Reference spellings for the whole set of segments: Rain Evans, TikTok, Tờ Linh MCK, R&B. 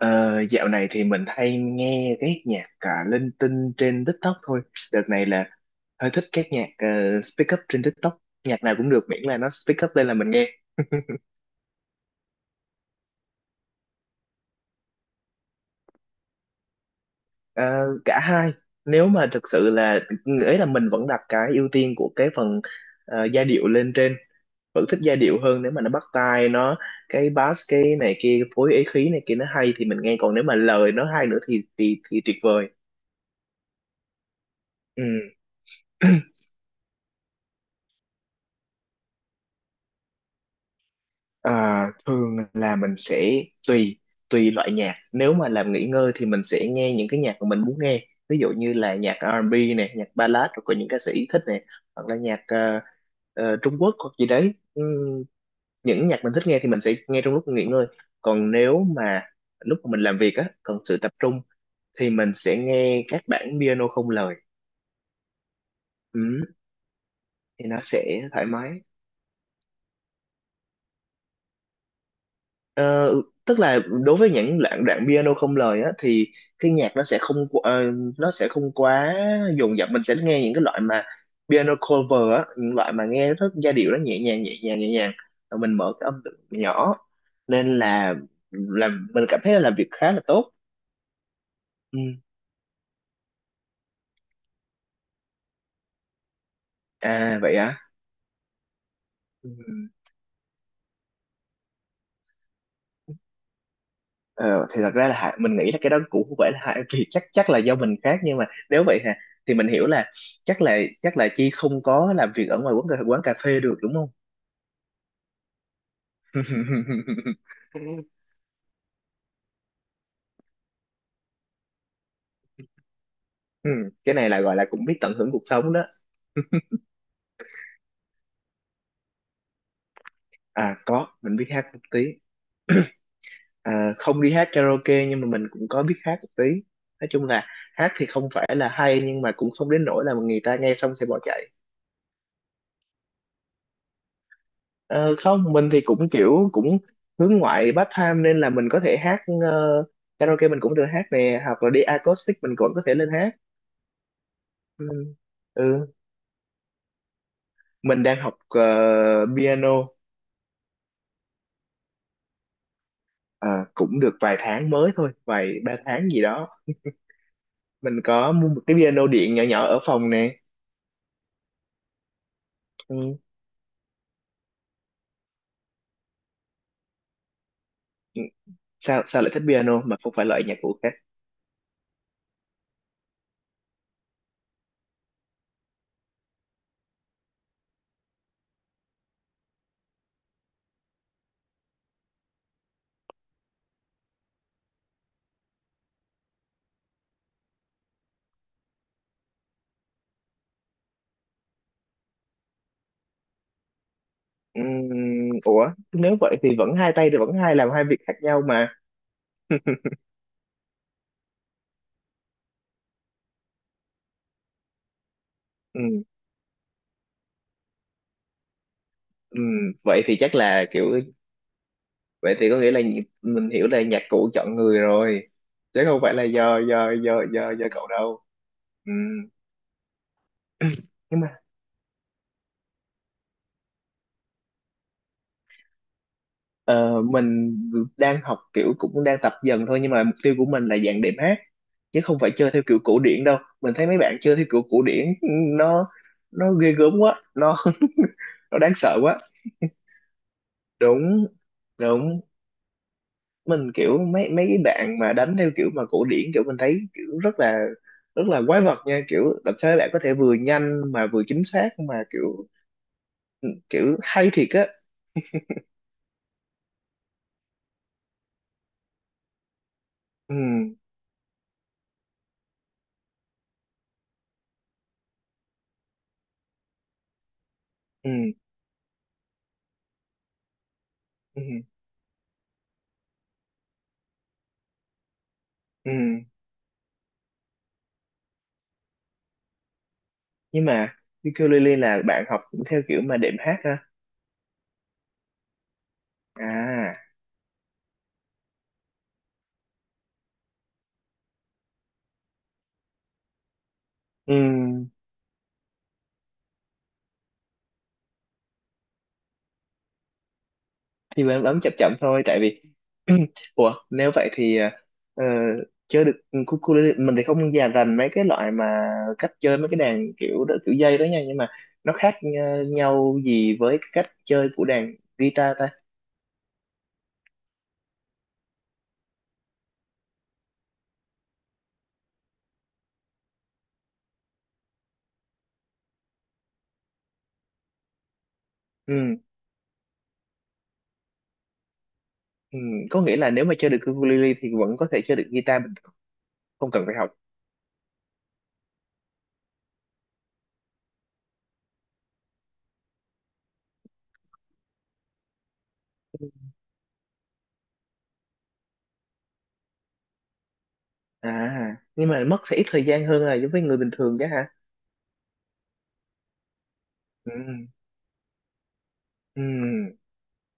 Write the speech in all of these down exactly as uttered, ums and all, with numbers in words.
Ờ, Dạo này thì mình hay nghe cái nhạc cả linh tinh trên TikTok thôi. Đợt này là hơi thích các nhạc ờ, speak up trên TikTok. Nhạc nào cũng được miễn là nó speak up lên là mình nghe. Ờ, cả hai. Nếu mà thực sự là nghĩa là mình vẫn đặt cái ưu tiên của cái phần ờ, giai điệu lên trên. Vẫn thích giai điệu hơn nếu mà nó bắt tai, nó cái bass cái này kia phối ý khí này kia nó hay thì mình nghe, còn nếu mà lời nó hay nữa thì thì thì tuyệt vời. Ừ. Ờ, Thường là mình sẽ tùy tùy loại nhạc, nếu mà làm nghỉ ngơi thì mình sẽ nghe những cái nhạc mà mình muốn nghe, ví dụ như là nhạc rờ en bê này, nhạc ballad, rồi có những ca sĩ thích này hoặc là nhạc ờ, ờ, Trung Quốc hoặc gì đấy. Ừm, những nhạc mình thích nghe thì mình sẽ nghe trong lúc nghỉ ngơi, còn nếu mà lúc mà mình làm việc á, cần sự tập trung thì mình sẽ nghe các bản piano không lời. Ừm, thì nó sẽ thoải mái. Ờ, Tức là đối với những đoạn đoạn piano không lời á thì cái nhạc nó sẽ không qu- ờ, nó sẽ không quá dồn dập, mình sẽ nghe những cái loại mà piano cover á, những loại mà nghe rất giai điệu, nó nhẹ nhàng nhẹ nhàng nhẹ nhàng, rồi mình mở cái âm lượng nhỏ, nên là làm mình cảm thấy là làm việc khá là tốt. Ừ. À vậy á. Ừ. Ờ, thì thật ra là hai- mình nghĩ là cái đó cũng không phải là hai, vì chắc chắc là do mình khác, nhưng mà nếu vậy hả thì mình hiểu là chắc là chắc là Chi không có làm việc ở ngoài quán cà, quán cà phê được đúng không? Ừ, cái này là gọi là cũng biết tận hưởng cuộc sống đó. À có, mình biết hát một tí. À, không đi hát karaoke nhưng mà mình cũng có biết hát một tí. Nói chung là hát thì không phải là hay nhưng mà cũng không đến nỗi là người ta nghe xong sẽ bỏ chạy. Ờ, không, mình thì cũng kiểu cũng hướng ngoại part time, nên là mình có thể hát ờ, karaoke mình cũng được hát nè, hoặc là đi acoustic mình cũng có thể lên hát. Ừ. Ừ. Mình đang học ờ, piano. Ờ, Cũng được vài tháng mới thôi, vài ba tháng gì đó, mình có mua một cái piano điện nhỏ nhỏ ở phòng nè. Ừ. Ừ, sao sao lại thích piano mà không phải loại nhạc cụ khác? Ừm, ủa nếu vậy thì vẫn hai tay thì vẫn hai làm hai việc khác nhau mà. Ừm. Ừm, vậy thì chắc là kiểu vậy thì có nghĩa là nhị- mình hiểu là nhạc cụ chọn người rồi, chứ không phải là do do do do do cậu đâu. Ừ. Nhưng mà ờ, mình đang học kiểu cũng đang tập dần thôi, nhưng mà mục tiêu của mình là dạng đệm hát, chứ không phải chơi theo kiểu cổ điển đâu. Mình thấy mấy bạn chơi theo kiểu cổ điển nó nó ghê gớm quá, nó nó đáng sợ quá. Đúng, đúng, mình kiểu mấy mấy cái bạn mà đánh theo kiểu mà cổ điển, kiểu mình thấy kiểu rất là rất là quái vật nha, kiểu làm sao bạn có thể vừa nhanh mà vừa chính xác mà kiểu kiểu hay thiệt á. Ừ. Ừ. Ừ. Ừ, nhưng mà ukulele là bạn học theo kiểu mà đệm hát ha? À. Ừ, nhưng mà em bấm chậm chậm thôi, tại vì ủa nếu vậy thì ờ, ờ, chơi được cucu, mình thì không già rành mấy cái loại mà cách chơi mấy cái đàn kiểu đó, kiểu dây đó nha, nhưng mà nó khác nh- nhau gì với cái cách chơi của đàn guitar ta? Ừ. Ừ, có nghĩa là nếu mà chơi được ukulele thì vẫn có thể chơi được guitar bình thường, không cần phải học. À, nhưng mà mất sẽ ít thời gian hơn là giống với người bình thường chứ hả? Ừ. Ừ.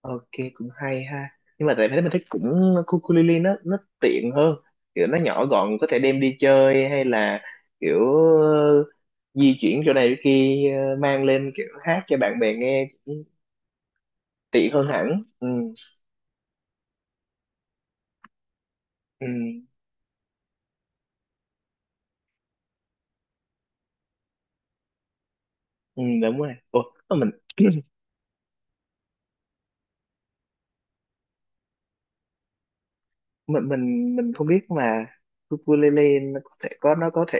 Ok, cũng hay ha, nhưng mà tại thế mình thích cũng ukulele, nó nó tiện hơn, kiểu nó nhỏ gọn có thể đem đi chơi hay là kiểu ờ, di chuyển chỗ này chỗ kia, ờ, mang lên kiểu hát cho bạn bè nghe cũng tiện hơn hẳn. Ừ. Ừ. Ừ đúng rồi. Ủa mà mình mình mình mình không biết mà ukulele nó có thể có nó có thể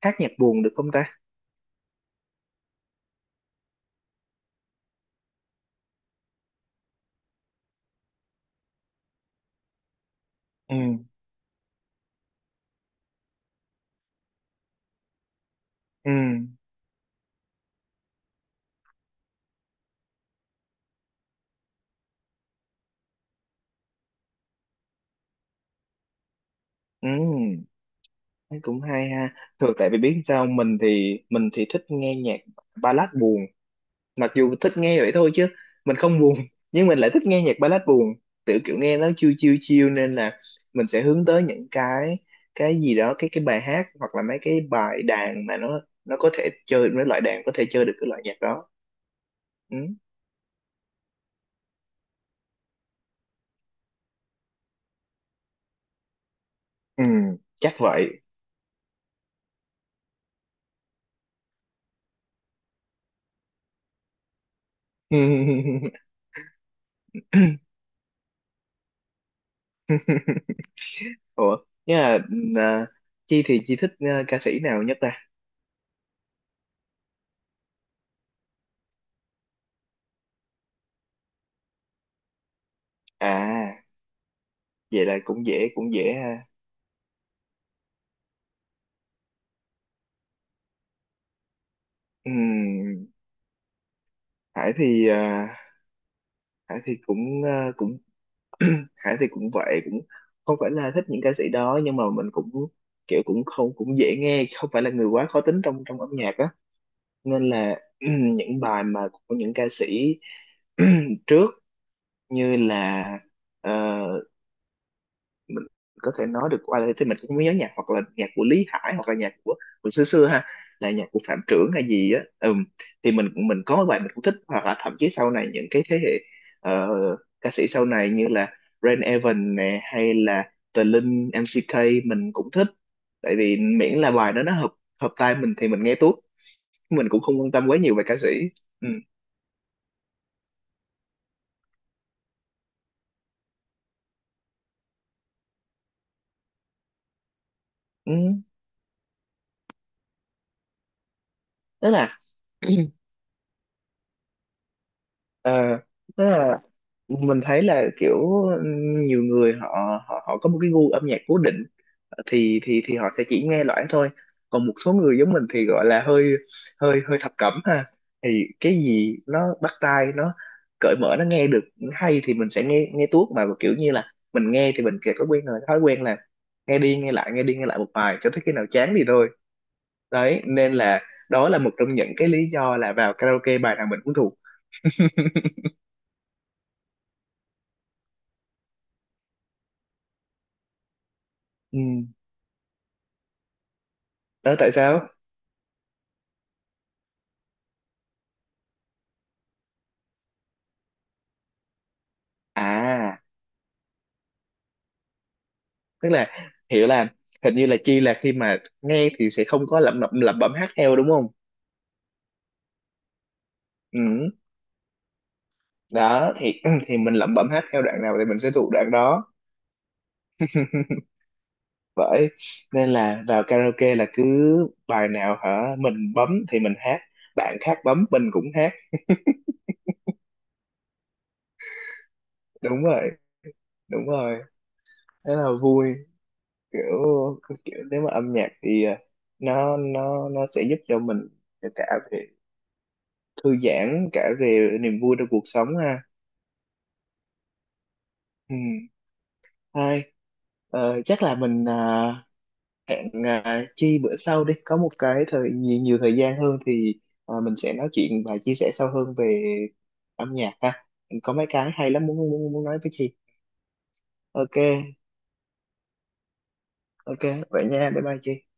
hát nhạc buồn được không ta? Ừ. Ừ. Ừ. Thấy cũng hay ha. Thường tại vì biết sao, mình thì mình thì thích nghe nhạc ballad buồn. Mặc dù thích nghe vậy thôi chứ mình không buồn, nhưng mình lại thích nghe nhạc ballad buồn. Tự kiểu nghe nó chill chill chill, nên là mình sẽ hướng tới những cái cái gì đó, cái cái bài hát hoặc là mấy cái bài đàn mà nó nó có thể chơi mấy loại đàn có thể chơi được cái loại nhạc đó. Ừ. Ừ chắc vậy. Ủa, nhưng mà à, Chi thì Chi thích à, ca sĩ nào nhất ta? À, vậy là cũng dễ cũng dễ ha. Ừm, Hải thì à, Hải thì cũng à, cũng Hải thì cũng vậy cũng không phải là thích những ca sĩ đó, nhưng mà mình cũng kiểu cũng không cũng dễ nghe, không phải là người quá khó tính trong trong âm nhạc á, nên là ừm, những bài mà của những ca sĩ trước như là ờ, mình có thể nói được qua đây thì mình cũng không nhớ nhạc, hoặc là nhạc của Lý Hải hoặc là nhạc của của xưa xưa ha, là nhạc của Phạm Trưởng hay gì á. Ừm, thì mình mình có mấy bài mình cũng thích, hoặc là thậm chí sau này những cái thế hệ ờ, ca sĩ sau này như là Rain Evans nè hay là Tờ Linh em xê ca, mình cũng thích, tại vì miễn là bài đó nó hợp hợp tai mình thì mình nghe tốt, mình cũng không quan tâm quá nhiều về ca sĩ. Ừ. Ừ. Tức là ờ, tức là mình thấy là kiểu nhiều người họ họ họ có một cái gu âm nhạc cố định thì thì thì họ sẽ chỉ nghe loãng thôi, còn một số người giống mình thì gọi là hơi hơi hơi thập cẩm ha, thì cái gì nó bắt tai, nó cởi mở, nó nghe được hay thì mình sẽ nghe nghe tuốt, mà kiểu như là mình nghe thì mình kìa có quen rồi thói quen là nghe đi nghe lại nghe đi nghe lại một bài cho tới khi nào chán thì thôi. Đấy nên là đó là một trong những cái lý do là vào karaoke bài nào mình cũng thuộc. Ừ đó tại sao. À tức là hiểu là hình như là Chi là khi mà nghe thì sẽ không có lẩm lẩm lẩm bẩm hát theo đúng không? Ừ. Đó thì thì mình lẩm bẩm hát theo đoạn nào thì mình sẽ thuộc đoạn đó, bởi nên là vào karaoke là cứ bài nào hả mình bấm thì mình hát, bạn khác bấm mình cũng hát. Đúng rồi, đúng rồi, thế là vui, kiểu kiểu nếu mà âm nhạc thì à, nó nó nó sẽ giúp cho mình cả về thư giãn, cả về niềm vui trong cuộc sống ha. Ừ. Thôi, ờ, chắc là mình ờ, hẹn ờ, Chi bữa sau đi. Có một cái thời nhiều, nhiều thời gian hơn thì ờ, mình sẽ nói chuyện và chia sẻ sâu hơn về âm nhạc ha. Có mấy cái hay lắm muốn muốn muốn nói với Chi. Ok, ok, vậy nha. Bye bye Chi.